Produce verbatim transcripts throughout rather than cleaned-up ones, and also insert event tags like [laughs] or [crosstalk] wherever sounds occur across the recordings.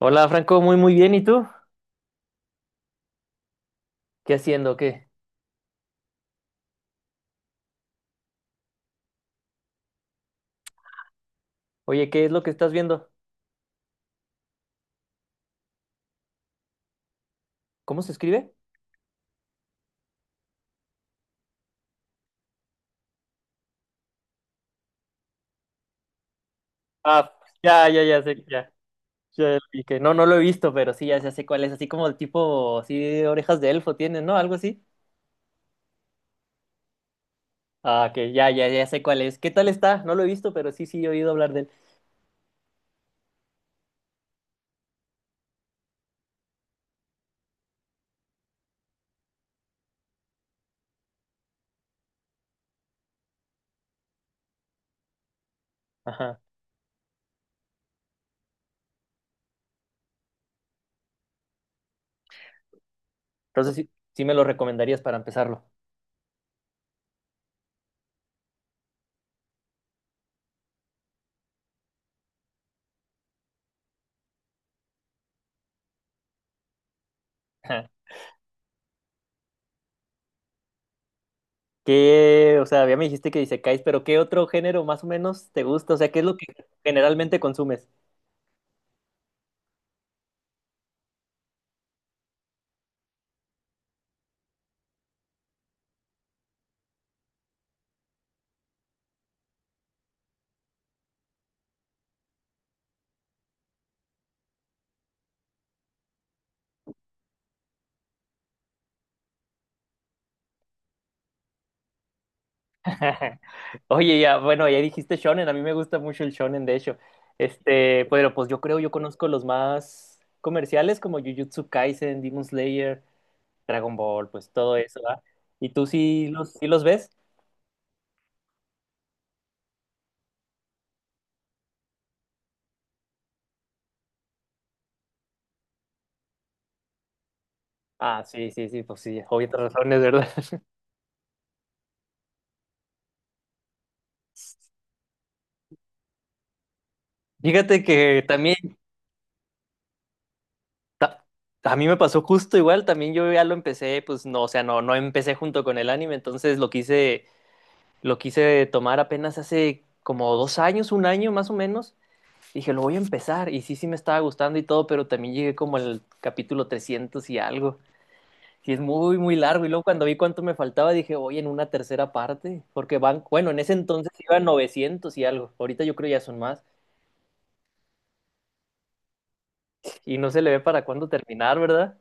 Hola Franco, muy muy bien. ¿Y tú? ¿Qué haciendo? ¿Qué? Oye, ¿qué es lo que estás viendo? ¿Cómo se escribe? Ah, ya, ya, ya sé, ya. Ya lo vi que no, no lo he visto, pero sí, ya, ya sé cuál es. Así como el tipo, así orejas de elfo tiene, ¿no? Algo así. Ah, que ya, ya, ya sé cuál es. ¿Qué tal está? No lo he visto, pero sí, sí, he oído hablar de él. Ajá. Entonces sí, sí me lo recomendarías para empezarlo. Ajá. ¿Qué? O sea, ya me dijiste que dice Isekais, pero ¿qué otro género más o menos te gusta? O sea, ¿qué es lo que generalmente consumes? [laughs] Oye, ya, bueno, ya dijiste shonen, a mí me gusta mucho el shonen, de hecho. Este, pero pues yo creo, yo conozco los más comerciales como Jujutsu Kaisen, Demon Slayer, Dragon Ball, pues todo eso, ¿va? ¿Y tú sí los, sí los ves? Ah, sí, sí, sí, pues sí, obvias razones, ¿verdad? [laughs] Fíjate que también ta- a mí me pasó justo igual, también yo ya lo empecé, pues no, o sea, no, no empecé junto con el anime, entonces lo quise, lo quise tomar apenas hace como dos años, un año más o menos. Dije, lo voy a empezar. Y sí, sí me estaba gustando y todo, pero también llegué como al capítulo trescientos y algo. Y es muy, muy largo. Y luego cuando vi cuánto me faltaba, dije, oye, en una tercera parte. Porque van, bueno, en ese entonces iban novecientos y algo. Ahorita yo creo ya son más. Y no se le ve para cuándo terminar, ¿verdad?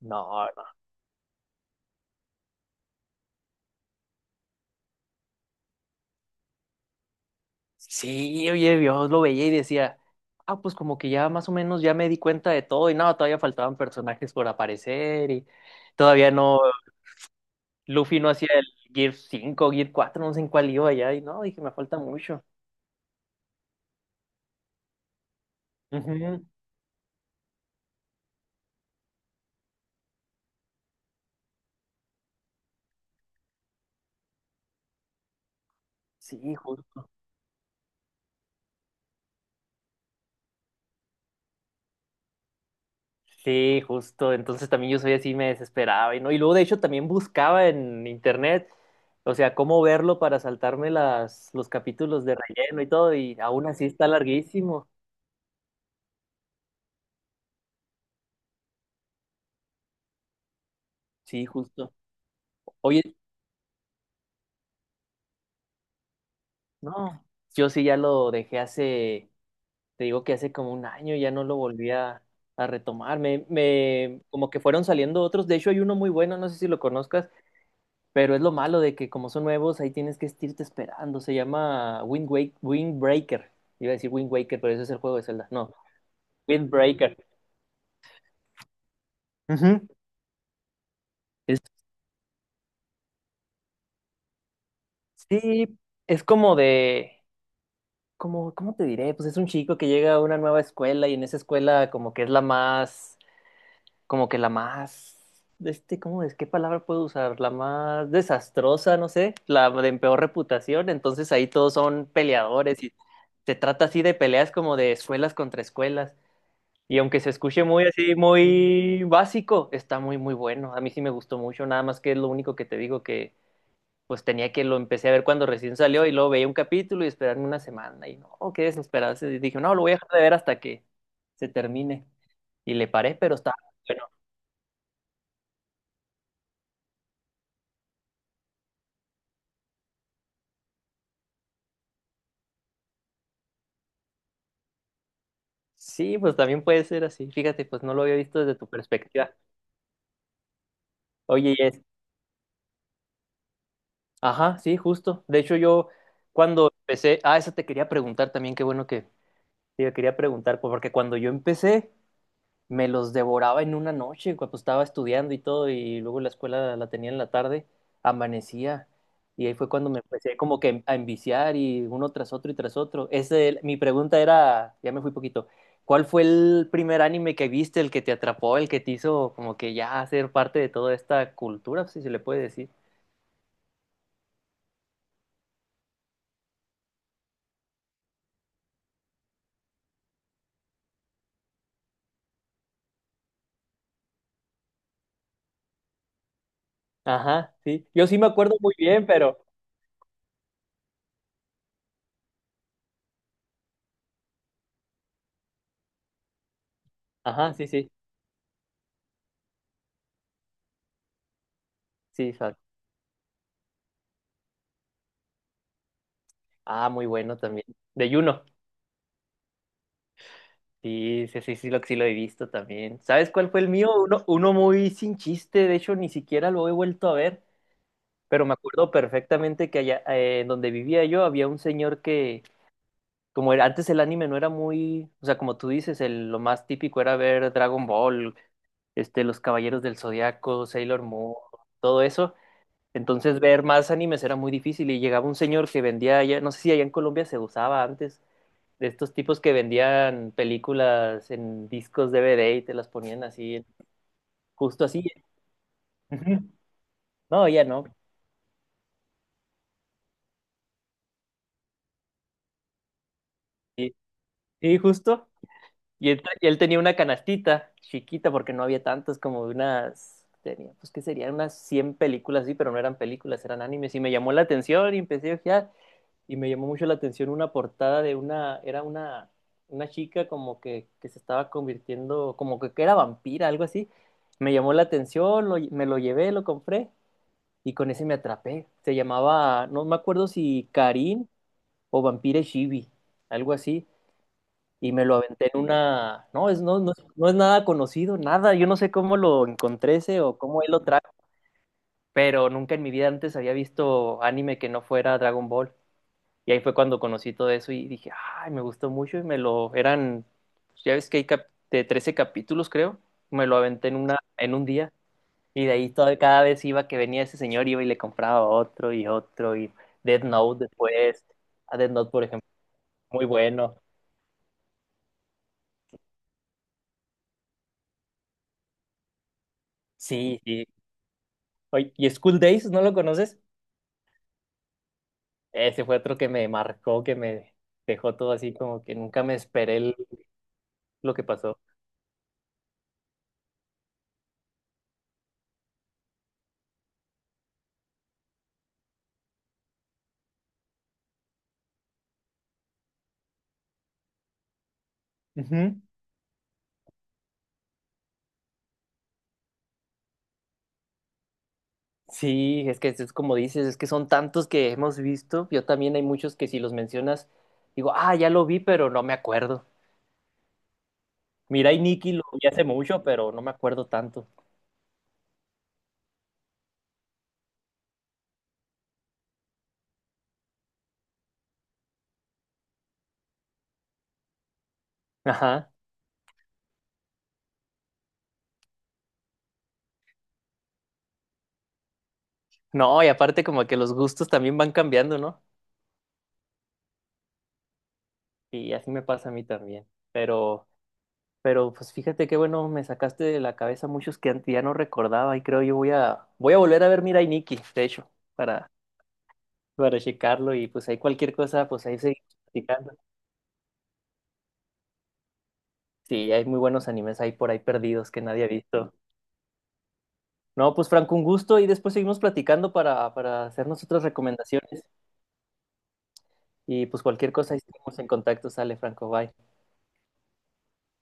No, no. Sí, oye, Dios lo veía y decía, ah, pues como que ya más o menos ya me di cuenta de todo. Y no, todavía faltaban personajes por aparecer y todavía no, Luffy no hacía el Gear cinco, Gear cuatro, no sé en cuál iba ya, y no, dije, me falta mucho. Ujú. Sí, justo. Sí, justo. Entonces también yo soy así, me desesperaba y no. Y luego de hecho también buscaba en internet, o sea, cómo verlo para saltarme las, los capítulos de relleno y todo, y aún así está larguísimo. Sí, justo. Oye, no, yo sí ya lo dejé hace. Te digo que hace como un año ya no lo volví a, a retomar. Me, me, como que fueron saliendo otros. De hecho, hay uno muy bueno, no sé si lo conozcas, pero es lo malo de que como son nuevos, ahí tienes que estirte esperando. Se llama Wind Wake, Windbreaker. Iba a decir Wind Waker, pero ese es el juego de Zelda. No, Windbreaker. Ujú. Es- sí, es como de... Como, ¿cómo te diré? Pues es un chico que llega a una nueva escuela y en esa escuela como que es la más como que la más, este, ¿cómo es? ¿Qué palabra puedo usar? La más desastrosa, no sé, la de peor reputación, entonces ahí todos son peleadores y se trata así de peleas como de escuelas contra escuelas. Y aunque se escuche muy así, muy básico, está muy, muy bueno. A mí sí me gustó mucho, nada más que es lo único que te digo que pues tenía que lo empecé a ver cuando recién salió y luego veía un capítulo y esperarme una semana y no, qué desesperado. Y dije, no, lo voy a dejar de ver hasta que se termine. Y le paré, pero está. Sí, pues también puede ser así. Fíjate, pues no lo había visto desde tu perspectiva. Oye, y es. Ajá, sí, justo. De hecho, yo cuando empecé, ah, eso te quería preguntar también, qué bueno que te quería preguntar, pues, porque cuando yo empecé, me los devoraba en una noche cuando estaba estudiando y todo, y luego la escuela la tenía en la tarde, amanecía. Y ahí fue cuando me empecé como que a enviciar y uno tras otro y tras otro. Ese, mi pregunta era, ya me fui poquito, ¿cuál fue el primer anime que viste, el que te atrapó, el que te hizo como que ya ser parte de toda esta cultura, si se le puede decir? Ajá, sí. Yo sí me acuerdo muy bien, pero... Ajá, sí, sí, sí. fa- Ah, muy bueno también. De Juno. Sí, sí, sí, sí, lo, sí lo he visto también. ¿Sabes cuál fue el mío? Uno, uno muy sin chiste, de hecho ni siquiera lo he vuelto a ver, pero me acuerdo perfectamente que allá eh, en donde vivía yo había un señor que, como era, antes el anime no era muy, o sea, como tú dices, el, lo más típico era ver Dragon Ball, este, los Caballeros del Zodiaco, Sailor Moon, todo eso. Entonces ver más animes era muy difícil y llegaba un señor que vendía allá, no sé si allá en Colombia se usaba antes de estos tipos que vendían películas en discos D V D y te las ponían así, justo así. Ujú. No, ya no. Sí, sí, justo. Y él, y él tenía una canastita chiquita porque no había tantas, como unas, tenía, pues que serían unas cien películas, sí, pero no eran películas, eran animes. Y me llamó la atención y empecé a ojear. Y me llamó mucho la atención una portada de una, era una, una chica como que, que se estaba convirtiendo, como que, que era vampira, algo así. Me llamó la atención, lo- me lo llevé, lo compré. Y con ese me atrapé. Se llamaba, no me acuerdo si Karin o Vampire Shibi, algo así. Y me lo aventé en una. No, es, no, no, es no es nada conocido, nada. Yo no sé cómo lo encontré ese o cómo él lo trajo, pero nunca en mi vida antes había visto anime que no fuera Dragon Ball. Y ahí fue cuando conocí todo eso y dije, ay, me gustó mucho y me lo. Eran, ya ves que hay cap- de trece capítulos, creo. Me lo aventé en una, en un día. Y de ahí todo, cada vez iba que venía ese señor, iba y le compraba otro y otro. Y Death Note después. A Death Note, por ejemplo, muy bueno. Sí, sí. Oye, ¿y School Days? ¿No lo conoces? Ese fue otro que me marcó, que me dejó todo así como que nunca me esperé el- lo que pasó. Ujú. Sí, es que es como dices, es que son tantos que hemos visto. Yo también hay muchos que si los mencionas, digo, ah, ya lo vi, pero no me acuerdo. Mira, y Nicky lo vi hace mucho, pero no me acuerdo tanto. Ajá. No, y aparte como que los gustos también van cambiando, ¿no? Y así me pasa a mí también. Pero, pero pues fíjate qué bueno, me sacaste de la cabeza muchos que antes ya no recordaba y creo yo voy a, voy a volver a ver Mira y Nikki, de hecho, para, para checarlo y pues ahí cualquier cosa, pues ahí seguimos platicando. Sí, hay muy buenos animes ahí por ahí perdidos que nadie ha visto. No, pues Franco, un gusto y después seguimos platicando para, para hacernos otras recomendaciones y pues cualquier cosa ahí seguimos en contacto, sale Franco, bye.